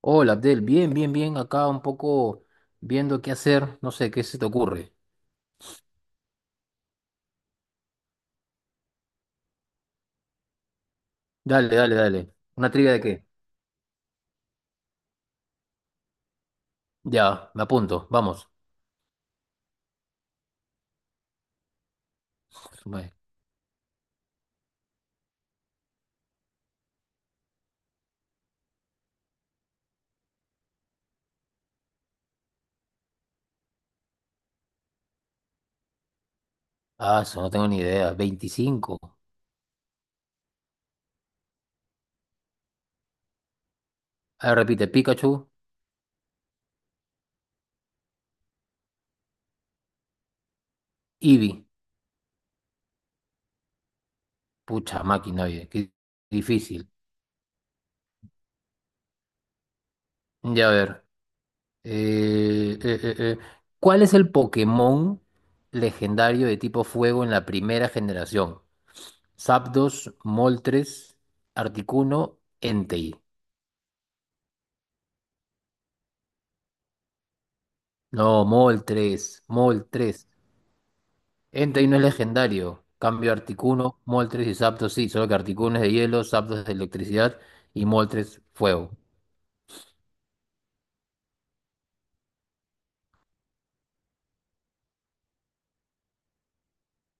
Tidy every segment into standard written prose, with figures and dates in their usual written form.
Hola, Abdel, bien, bien, bien, acá un poco viendo qué hacer, no sé, qué se te ocurre. Dale, dale, dale. ¿Una trivia de qué? Ya, me apunto, vamos. Suma- Ah, eso no tengo ni idea. 25. A ver, repite. Pikachu, Eevee. Pucha máquina, oye, qué difícil. Ya, a ver. eh, eh, eh, eh, ¿Cuál es el Pokémon legendario de tipo fuego en la primera generación? Zapdos, Moltres, Articuno, Entei. No, Mol 3, Mol 3. Entei no es legendario. Cambio Articuno, Mol 3 y Zapdos sí, solo que Articuno es de hielo, Zapdos es de electricidad y Mol 3 fuego.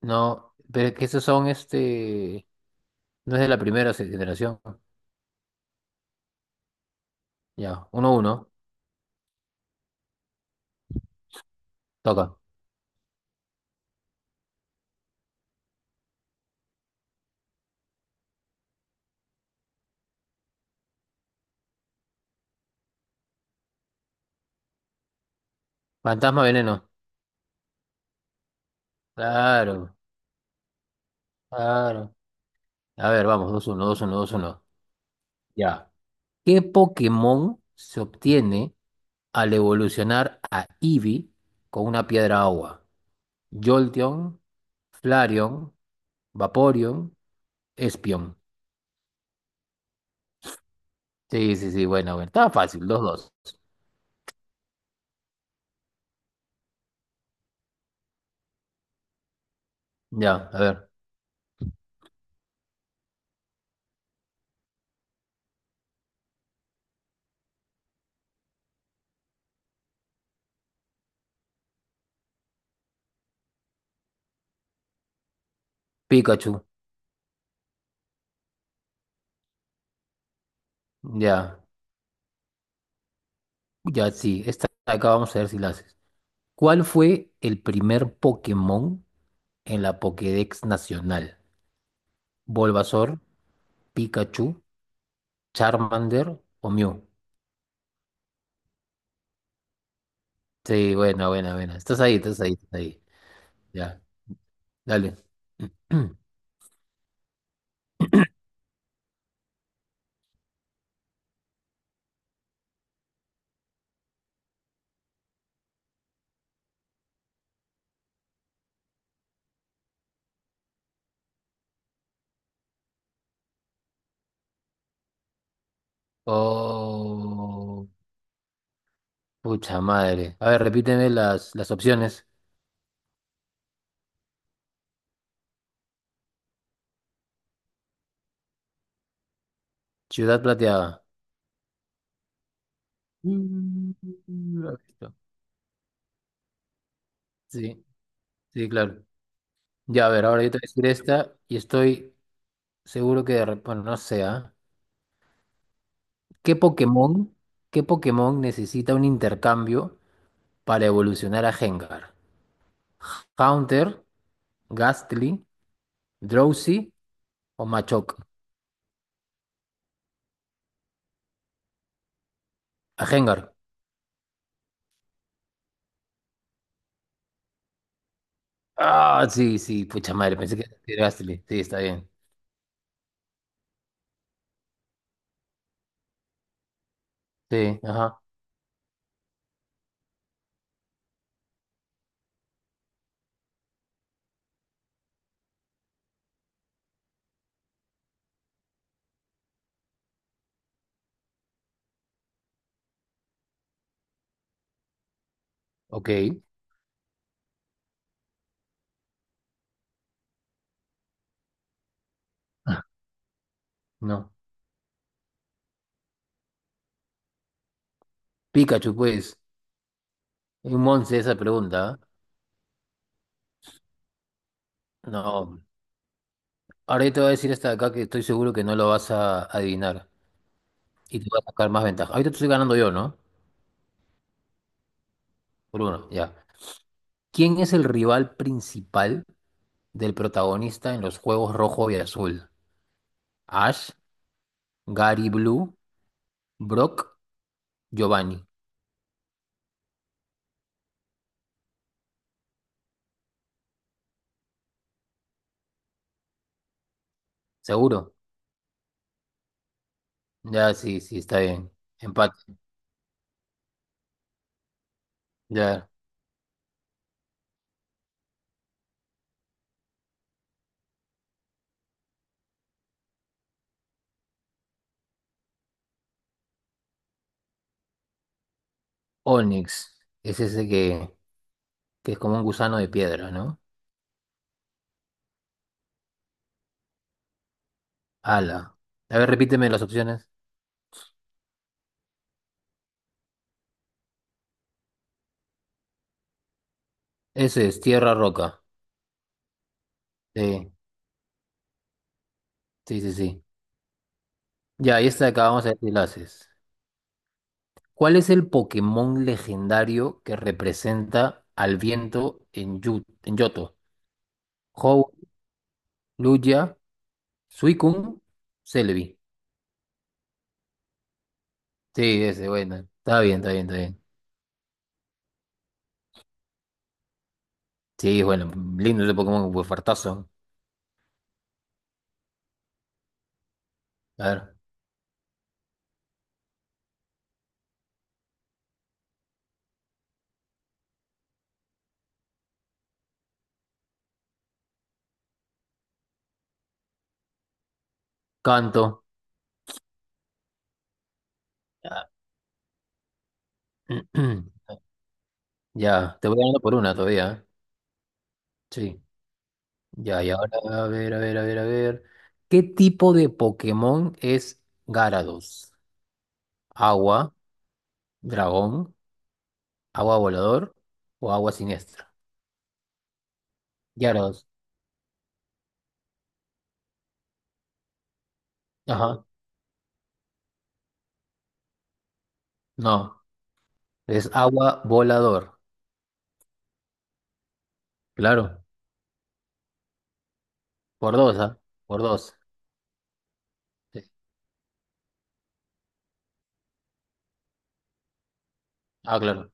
No, pero es que esos son este. No es de la primera generación. Ya, 1-1. Toca. Fantasma Veneno. Claro, claro. A ver, vamos, dos uno, dos uno, dos uno. Ya. ¿Qué Pokémon se obtiene al evolucionar a Eevee con una piedra agua? Jolteon, Flareon, Vaporeon, Espion. Sí, sí, sí, bueno, bueno. Estaba fácil, los dos. Ya, a ver. Pikachu. Ya, ya sí. Esta de acá vamos a ver si la haces. ¿Cuál fue el primer Pokémon en la Pokédex nacional? ¿Bulbasaur, Pikachu, Charmander o Mew? Sí, bueno, bueno, bueno. Estás ahí, estás ahí, estás ahí. Ya, dale. Oh. Pucha madre. A ver, repíteme las opciones. Ciudad Plateada. Mm, listo. Sí, sí, claro. Ya, a ver, ahora yo te voy a decir esta y estoy seguro que de bueno, no sé, ¿ah? ¿Qué Pokémon, qué Pokémon necesita un intercambio para evolucionar a Gengar? ¿Haunter, Gastly, Drowsy o Machoke? A Gengar. Ah, sí, sí, pucha madre, pensé que era Gastly. Sí, está bien. Sí, ajá. Ok. No. Pikachu, pues. Es un once esa pregunta. ¿Eh? No. Ahora yo te voy a decir esta de acá que estoy seguro que no lo vas a adivinar y te voy a sacar más ventaja. Ahorita te estoy ganando yo, ¿no? Por uno, ya. ¿Quién es el rival principal del protagonista en los juegos rojo y azul? Ash, Gary Blue, Brock, Giovanni. ¿Seguro? Ya, sí, sí, está bien. Empate. Ya. Onyx. Es ese que es como un gusano de piedra, ¿no? Ala. A ver, repíteme las opciones. Ese es tierra roca. Sí. Sí, sí, sí. Ya, y esta de acá vamos a ver si la haces. ¿Cuál es el Pokémon legendario que representa al viento en, en Yoto? Ho, Luya, Suicune, Celebi. Sí, ese, bueno. Está bien, está bien, está bien. Sí, bueno, lindo ese Pokémon, pues fartazo. A ver, canto. Ya, ya, te voy dando por una todavía. ¿Eh? Sí. Ya, y ahora, a ver. ¿Qué tipo de Pokémon es Gyarados? Agua. Dragón, agua volador o agua siniestra. Ya los dos. Ajá. No, es agua volador. Claro. Por dos, ¿ah? Por dos. Sí. Ah, claro.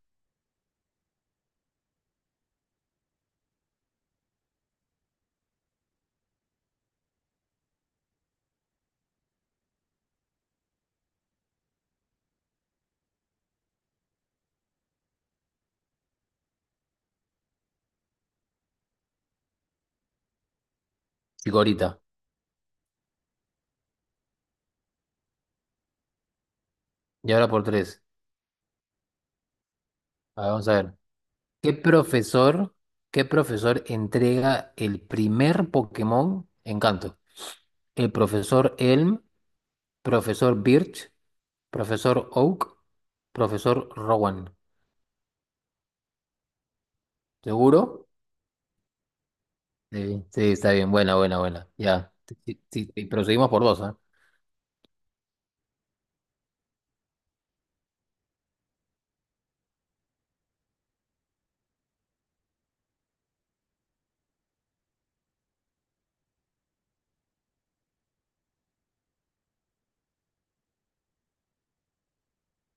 Chicorita. Y ahora por tres. A ver, vamos a ver. ¿Qué profesor, qué profesor entrega el primer Pokémon en Canto? ¿El profesor Elm, profesor Birch, profesor Oak, profesor Rowan? ¿Seguro? Sí, sí, está bien, buena, buena, buena. Ya, sí, sí, sí, pero seguimos por dos, ¿eh?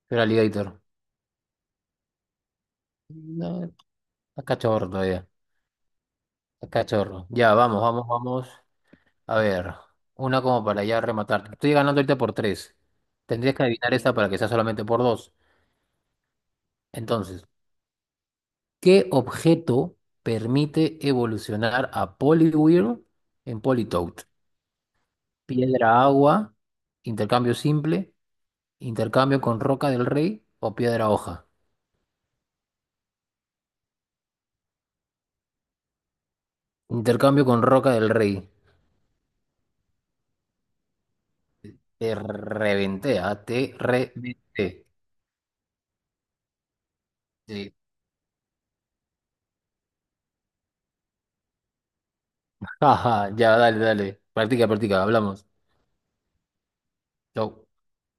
Pero Alligator. No, está cachorro todavía. Está cachorro. Ya, vamos, vamos, vamos. A ver, una como para ya rematar. Estoy ganando ahorita por tres. Tendrías que adivinar esta para que sea solamente por dos. Entonces, ¿qué objeto permite evolucionar a Poliwhirl en Politoed? ¿Piedra agua, intercambio simple, intercambio con roca del rey o piedra hoja? Intercambio con roca del rey. Te reventé, ah, te reventé. Sí. Jaja, ya, dale, dale. Practica, practica, hablamos. Chau.